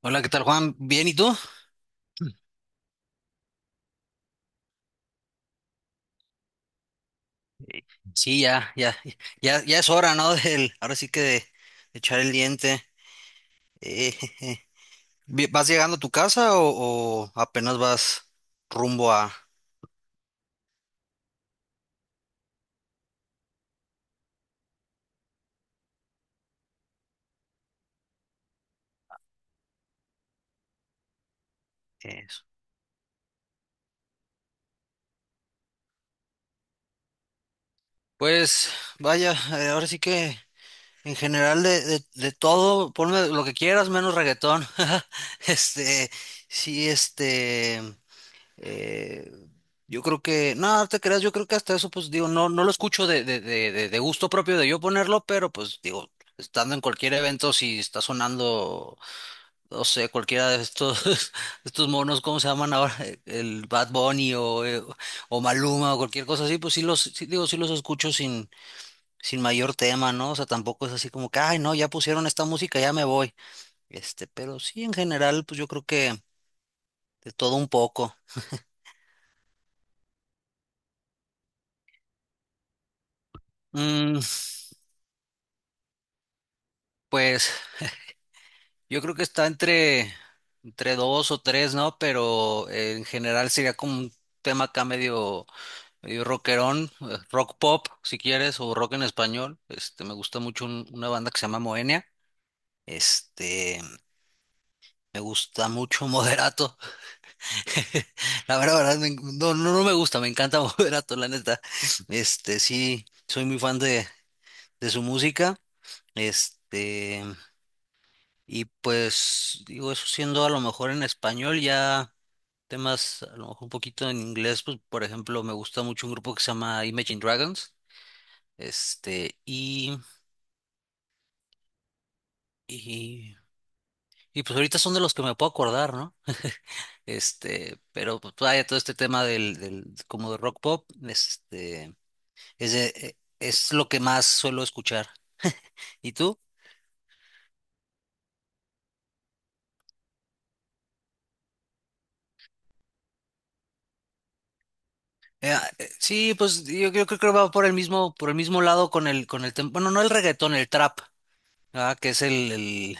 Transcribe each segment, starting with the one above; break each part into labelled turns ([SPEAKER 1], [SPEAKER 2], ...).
[SPEAKER 1] Hola, ¿qué tal, Juan? ¿Bien y tú? Sí, ya, ya, ya, ya es hora, ¿no? Del, ahora sí que de echar el diente. Jeje. ¿Vas llegando a tu casa o apenas vas rumbo a eso? Pues vaya, ahora sí que en general de todo, ponme lo que quieras, menos reggaetón. Este, sí, este. Eh, yo creo que, no, no te creas, yo creo que hasta eso, pues digo, no, no lo escucho de gusto propio de yo ponerlo, pero pues digo, estando en cualquier evento, si está sonando, no sé, cualquiera de estos, estos monos, ¿cómo se llaman ahora? El Bad Bunny o Maluma o cualquier cosa así, pues sí los, sí, digo, sí los escucho sin mayor tema, ¿no? O sea, tampoco es así como que, ay, no, ya pusieron esta música, ya me voy. Este, pero sí, en general, pues yo creo que de todo un poco. Mm, pues. Yo creo que está entre dos o tres, ¿no? Pero en general sería como un tema acá medio, medio rockerón, rock pop, si quieres, o rock en español. Este, me gusta mucho una banda que se llama Moenia. Este, me gusta mucho Moderato. La verdad, verdad, no, no, no me gusta, me encanta Moderato, la neta. Este, sí, soy muy fan de su música. Este, y pues, digo, eso siendo a lo mejor en español ya. Temas a lo mejor un poquito en inglés, pues por ejemplo me gusta mucho un grupo que se llama Imagine Dragons, este, y, y pues ahorita son de los que me puedo acordar, ¿no? Este, pero pues vaya, todo este tema del, como de rock pop, este, es lo que más suelo escuchar. ¿Y tú? Sí, pues yo creo que va por el mismo lado con el, bueno, no el reggaetón, el trap, ¿verdad? Que es el,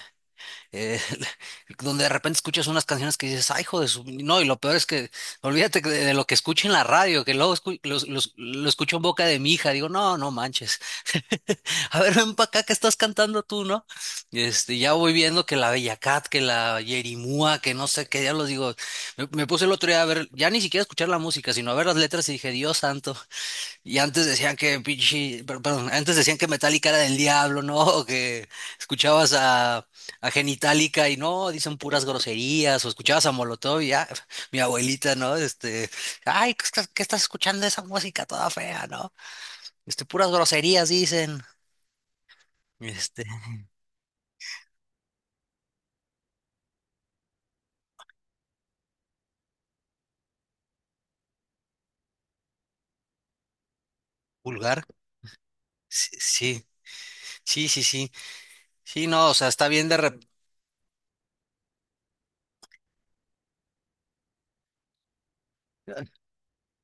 [SPEAKER 1] eh, donde de repente escuchas unas canciones que dices, ay, hijo de su. No, y lo peor es que, olvídate que de lo que escucho en la radio, que luego lo escucho en boca de mi hija, digo, no, no manches, a ver, ven para acá que estás cantando tú, ¿no? Y este, ya voy viendo que la Bella Cat, que la Yerimúa, que no sé qué, ya los digo, me puse el otro día a ver, ya ni siquiera a escuchar la música, sino a ver las letras y dije, Dios santo, y antes decían que pinche, perdón, antes decían que Metallica era del diablo, ¿no? O que escuchabas a Genitalica y no, dicen puras groserías, o escuchabas a Molotov y ya, mi abuelita, ¿no? Este, ay, ¿qué estás escuchando esa música toda fea, ¿no? Este, puras groserías dicen, este, vulgar. Sí, sí, sí, sí, sí, sí, no, o sea, está bien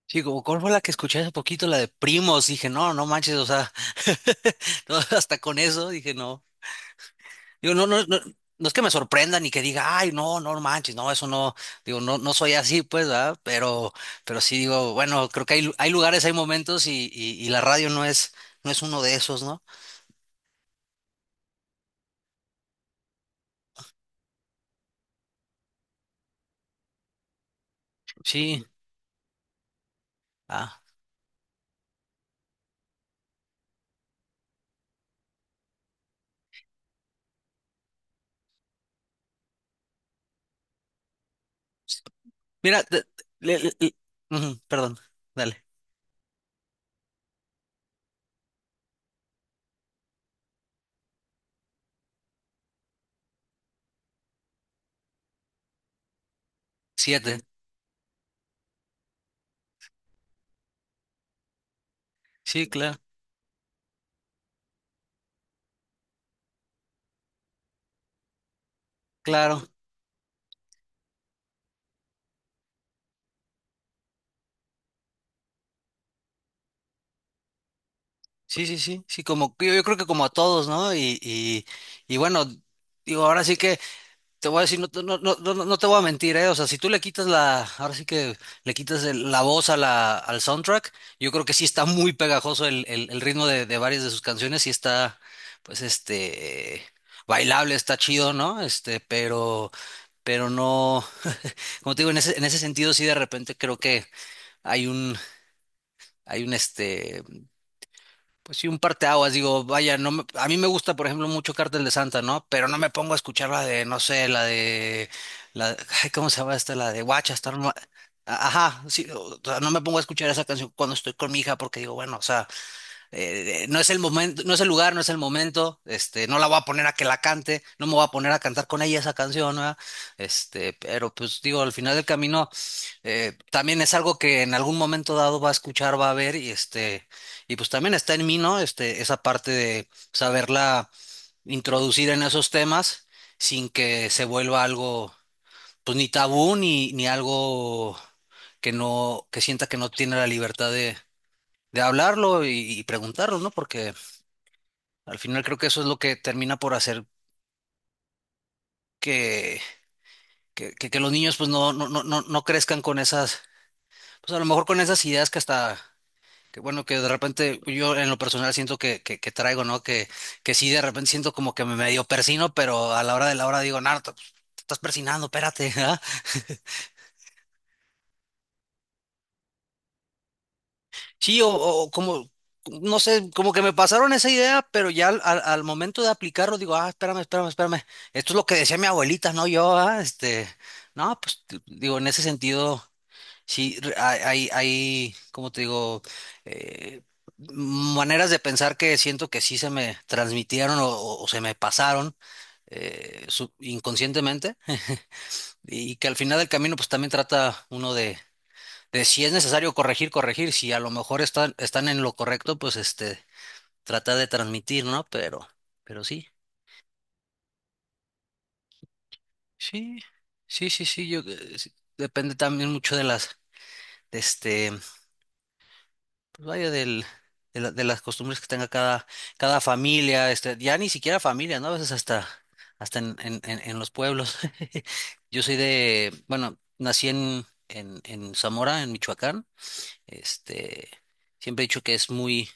[SPEAKER 1] Sí, como cuál fue la que escuché hace poquito, la de Primos, dije, no, no manches, o sea, no, hasta con eso, dije, no. Digo, no, no, no, no es que me sorprenda ni que diga, ay, no, no manches, no, eso no, digo, no, no soy así, pues, ¿verdad? Pero sí digo, bueno, creo que hay, hay lugares, hay momentos y la radio no es uno de esos, ¿no? Sí, ah, mira, le- le- le- ujú, perdón, dale, siete, sí, claro, claro, sí, sí, sí, sí, como, yo creo que como a todos, ¿no? Y bueno, digo, ahora sí que. Te voy a decir, no, no, no, no, no te voy a mentir, ¿eh? O sea, si tú le quitas ahora sí que le quitas la voz al soundtrack, yo creo que sí está muy pegajoso el ritmo de varias de sus canciones, sí está, pues, este, bailable, está chido, ¿no? Este, pero no, como te digo, en ese sentido sí de repente creo que hay un, hay un, este, pues sí, un parteaguas, digo, vaya, no me- a mí me gusta, por ejemplo, mucho Cártel de Santa, ¿no? Pero no me pongo a escuchar la de, no sé, la de, la, ay, ¿cómo se llama esta? La de Guacha, ajá, sí, o sea, no me pongo a escuchar esa canción cuando estoy con mi hija porque digo, bueno, o sea, no es el momento, no es el lugar, no es el momento, este, no la voy a poner a que la cante, no me voy a poner a cantar con ella esa canción, ¿verdad? Este, pero pues digo, al final del camino también es algo que en algún momento dado va a escuchar, va a ver y este, y pues también está en mí, ¿no? Este, esa parte de saberla introducir en esos temas sin que se vuelva algo, pues ni tabú ni algo que no, que sienta que no tiene la libertad de hablarlo y preguntarlo, ¿no? Porque al final creo que eso es lo que termina por hacer que, que los niños pues no, no, no, no, no crezcan con esas, pues a lo mejor con esas ideas que hasta, que bueno, que de repente yo en lo personal siento que traigo, ¿no? Que sí de repente siento como que me medio persino, pero a la hora de la hora digo, Narta, te estás persinando, espérate, ¿ah?". Sí, o como, no sé, como que me pasaron esa idea, pero ya al momento de aplicarlo digo, ah, espérame, espérame, espérame. Esto es lo que decía mi abuelita, no yo, ah, este, no, pues digo, en ese sentido. Sí, hay, como te digo, eh, maneras de pensar que siento que sí se me transmitieron o se me pasaron inconscientemente y que al final del camino pues también trata uno de si es necesario corregir, corregir, si a lo mejor están en lo correcto, pues este, trata de transmitir, ¿no? Pero sí, sí, sí, sí, sí, yo, sí, depende también mucho de las, de este. Pues vaya de las costumbres que tenga cada familia, este, ya ni siquiera familia, ¿no? A veces hasta en los pueblos. Yo soy de, bueno, nací en Zamora, en Michoacán. Este, siempre he dicho que es muy,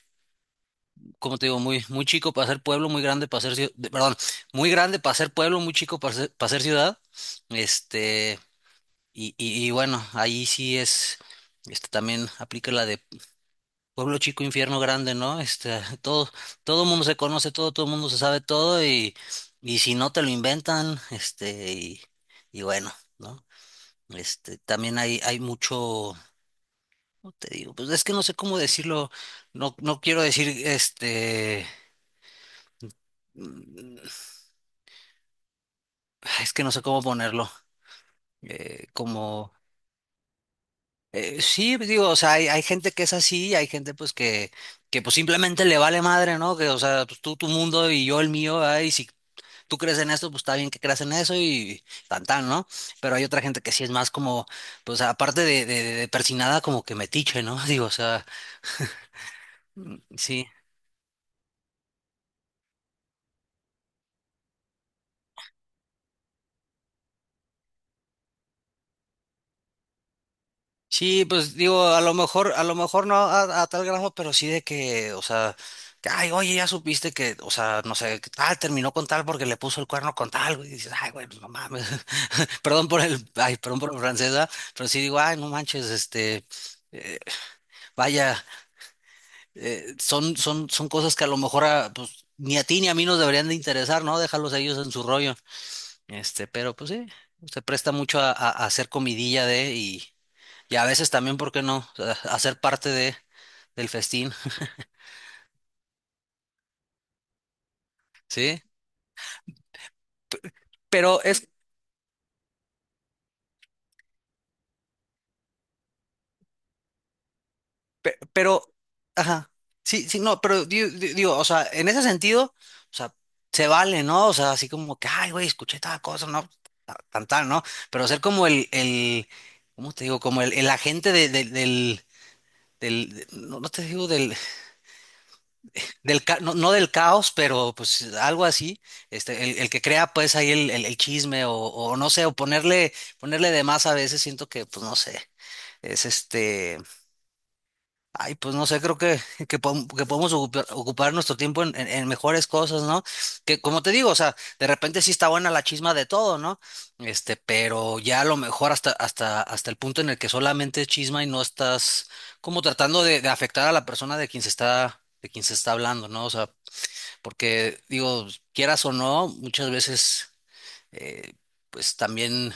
[SPEAKER 1] como te digo, muy, muy chico para ser pueblo, muy grande para ser ciudad, perdón, muy grande para ser pueblo, muy chico para ser ciudad. Este, y bueno, ahí sí es, este también aplica la de Pueblo chico, infierno grande, ¿no? Este, todo mundo se conoce todo mundo se sabe todo y si no te lo inventan, este, y bueno, ¿no? Este, también hay mucho, ¿cómo te digo? Pues es que no sé cómo decirlo, no, no quiero decir, este, mm, es que no sé cómo ponerlo, como, sí, pues digo, o sea, hay gente que es así, y hay gente pues que pues simplemente le vale madre, ¿no? Que, o sea, pues tú tu mundo y yo el mío, ay, si tú crees en eso, pues está bien que creas en eso y tan tan, ¿no? Pero hay otra gente que sí es más como, pues aparte de persinada, como que metiche, ¿no? Digo, o sea, sí. Sí, pues digo, a lo mejor no a tal grado, pero sí de que, o sea, que, ay, oye, ya supiste que, o sea, no sé, que tal, terminó con tal porque le puso el cuerno con tal, güey, y dices, ay, güey, pues, no mames, perdón por el, ay, perdón por la francesa, pero sí digo, ay, no manches, este, eh, vaya. Son cosas que a lo mejor a, pues, ni a ti ni a mí nos deberían de interesar, ¿no? Dejarlos a ellos en su rollo. Este, pero pues sí, se presta mucho a hacer comidilla de y a veces también, ¿por qué no? A ser parte del festín, ¿sí? Pero es, pero, ajá, sí, sí, no, pero digo, o sea, en ese sentido, o sea, se vale, ¿no? O sea, así como que, ay, güey, escuché tal cosa, ¿no? Tan, tan, ¿no? Pero ser como el, ¿cómo te digo? Como el agente del, no, no te digo del, no, no del caos, pero pues algo así, este, el que crea pues ahí el chisme o no sé, o ponerle, ponerle de más a veces siento que, pues no sé, es este, ay, pues no sé, creo que, que podemos ocupar nuestro tiempo en mejores cosas, ¿no? Que como te digo, o sea, de repente sí está buena la chisma de todo, ¿no? Este, pero ya a lo mejor hasta el punto en el que solamente es chisma y no estás como tratando de afectar a la persona de quien se está, hablando, ¿no? O sea, porque digo, quieras o no, muchas veces, eh, pues también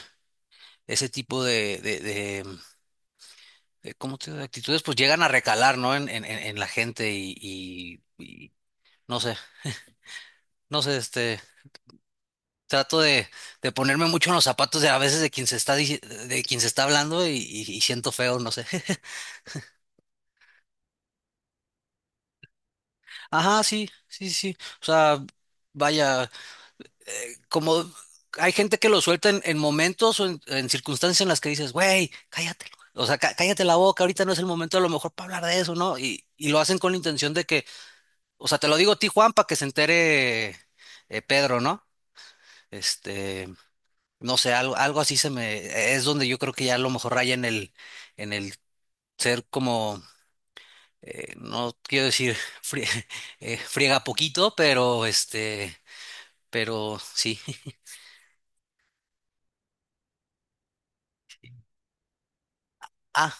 [SPEAKER 1] ese tipo de ¿cómo te digo? De actitudes, pues llegan a recalar, ¿no? En la gente y no sé, no sé, este, trato de ponerme mucho en los zapatos de a veces de quien se está, dici- de quien se está hablando y siento feo, no sé. Ajá, sí, sí, sí. Sí. O sea, vaya, como hay gente que lo suelta en momentos o en circunstancias en las que dices, güey, cállate. O sea, cállate la boca, ahorita no es el momento a lo mejor para hablar de eso, ¿no? Y lo hacen con la intención de que. O sea, te lo digo a ti, Juan, para que se entere Pedro, ¿no? Este, no sé, algo así se me, es donde yo creo que ya a lo mejor raya en el ser como, no quiero decir frie- friega poquito, pero este, pero sí. Ah,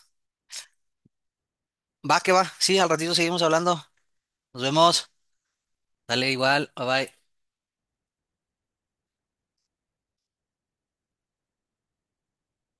[SPEAKER 1] va que va, sí, al ratito seguimos hablando. Nos vemos. Dale igual, bye bye.